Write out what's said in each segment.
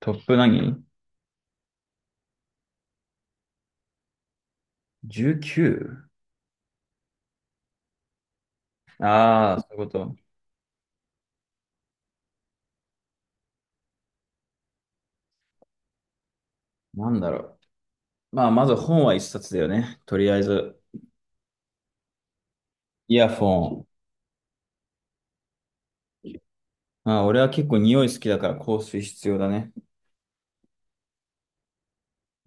トップ何？ 19？ そういうこと。なんだろまあ、まず本は一冊だよね。とりあえず。イヤフォン。まあ、俺は結構匂い好きだから香水必要だね。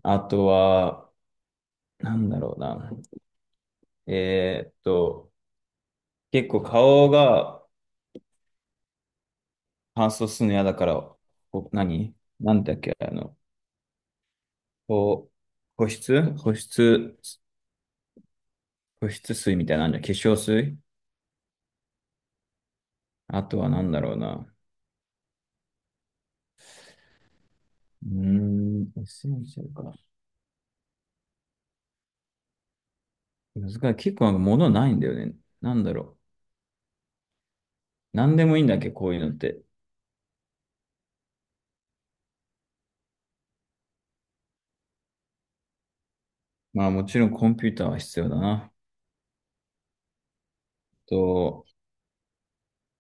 あとは、なんだろうな。えーっと、結構顔が乾燥するの嫌だから、何なんだっけ、こ保湿、保湿水みたいなのあるじゃん。化粧水。あとはなんだろうな。うーん、エッセンシャルか。難しい。結構なんか物ないんだよね。なんだろう。なんでもいいんだっけ、こういうのって。まあもちろんコンピューターは必要だな。と、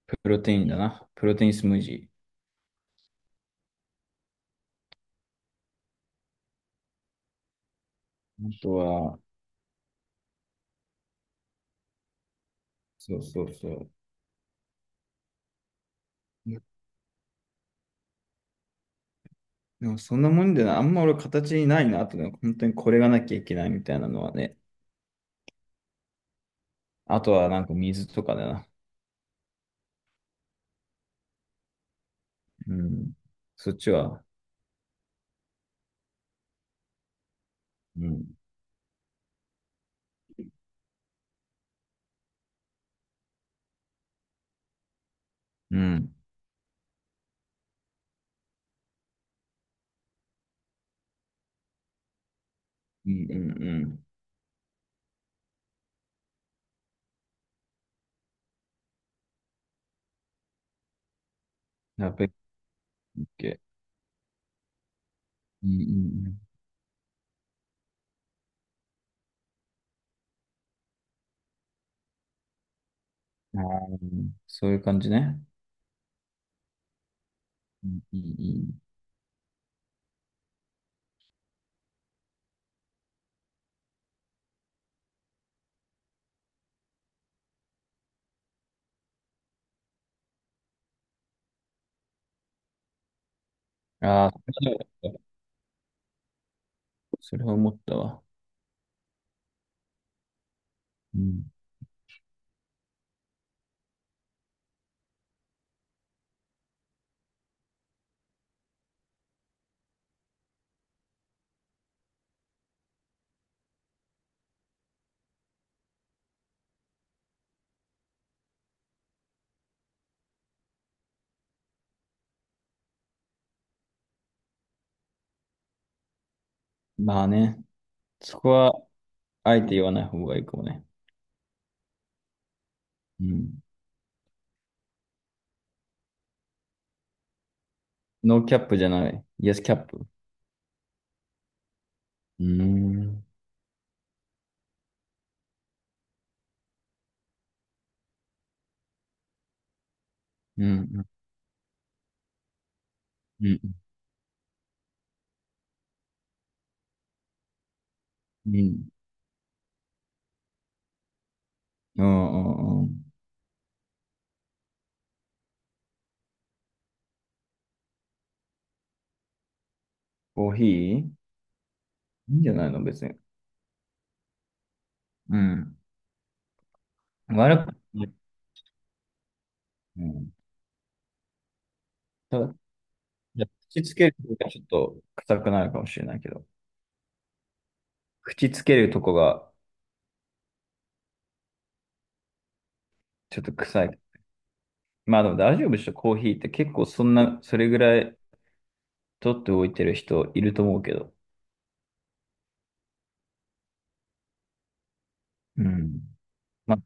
プロテインだな。プロテインスムージー。あとは、そうそうそう。でもそんなもんでな、あんま俺形にないなってのは、本当にこれがなきゃいけないみたいなのはね。あとはなんか水とかだな。うん。そっちは、うん。うん。うんうんうん。やっべっけ。うんうんうん。あー、そういう感じね。うんうんうん。ああ、それは思ったわ。うん。まあね、そこは、あえて言わない方がいいかもね。うん。ノーキャップじゃない。イエスキャップ。うーん。うん。うん。うん。うん。うん。コーヒーいいんじゃないの、別に。うん。悪くない。うん。ただ、じゃあ口つけるとこがちょっと臭くなるかもしれないけど。口つけるとこがちょっと臭い。まあでも大丈夫でしょ、コーヒーって結構そんな、それぐらい取っておいてる人いると思うけど。うん。ま、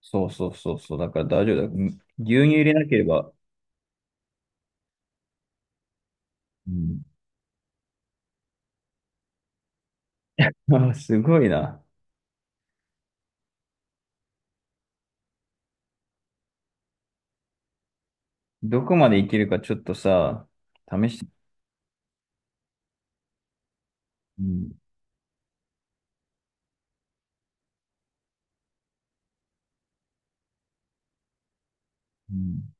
そうそうそうそう。だから大丈夫だ。ん、牛乳入れなければ。うん。あ、すごいな。どこまでいけるかちょっとさ、試して。うん。うん。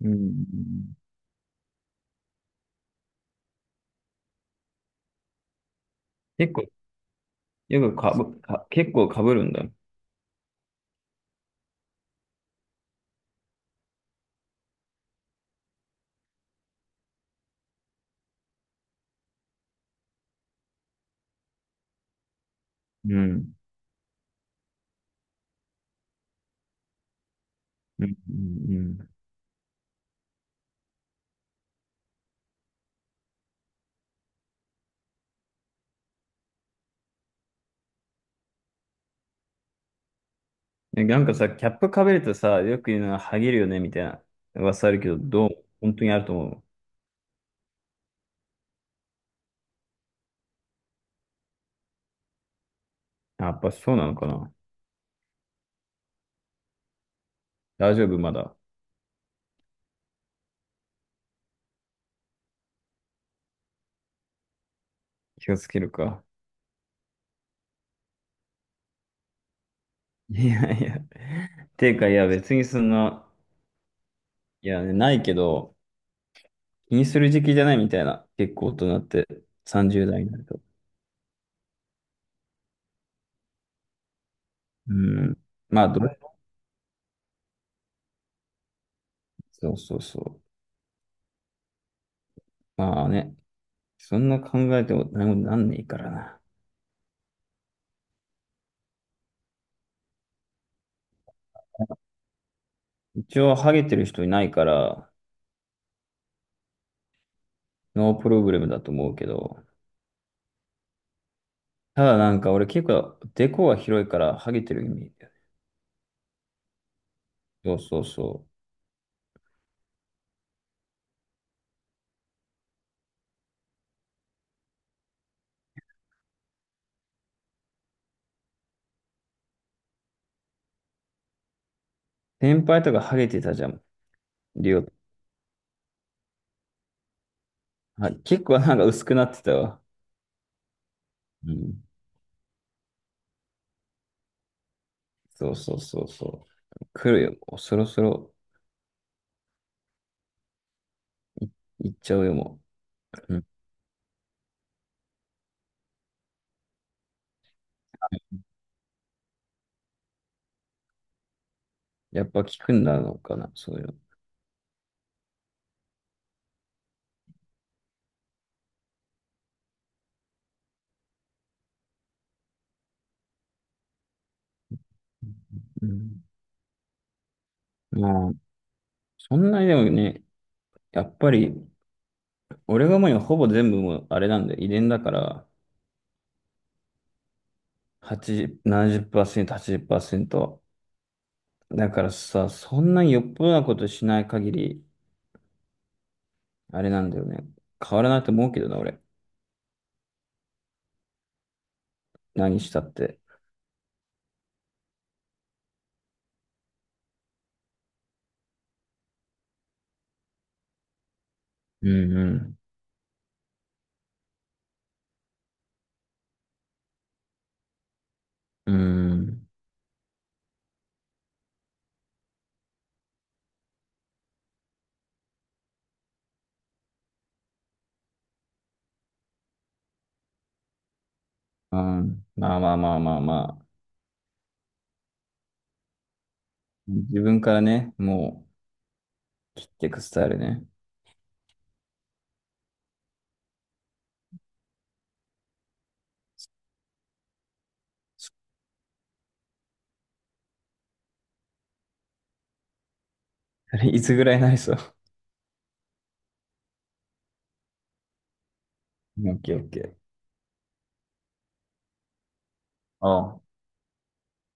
うん。うん、結構、よくかぶ、か、結構かぶるんだ。うん。うん。うん。うん。なんかさ、キャップかぶるとさ、よく言うのは、ハゲるよね、みたいな噂あるけど、どう、本当にあると思う。あ、やっぱそうなのかな。大丈夫、まだ。気をつけるか。いやいや。ていうか、いや、別にそんな、いや、ないけど、気にする時期じゃないみたいな。結構大人って、30代になると。うん。まあ、どれ、そうそうそう。まあね、そんな考えても何もなんねえからな。一応、ハゲてる人いないから、ノープログラムだと思うけど、ただなんか俺結構、デコが広いから、ハゲてる意味。そうそうそう。先輩とかハゲてたじゃん。りょう、はい、結構なんか薄くなってたわ。うん。そうそうそうそう。来るよ。もうそろそろ行っちゃうよ、もう。うん、やっぱ効くんだろうかな、そういうの。うん。まあ、そんなにでもね、やっぱり、俺がもうにはほぼ全部もうあれなんだよ、遺伝だから、80、70%、80%。だからさ、そんなによっぽどなことしない限り、あれなんだよね。変わらないと思うけどな、俺。何したって。うんうん。うん。うん。まあまあまあまあまあ。自分からね、もう切っていくスタイルね。あれいつぐらいになりそう。 オッケーオッケー。ああ。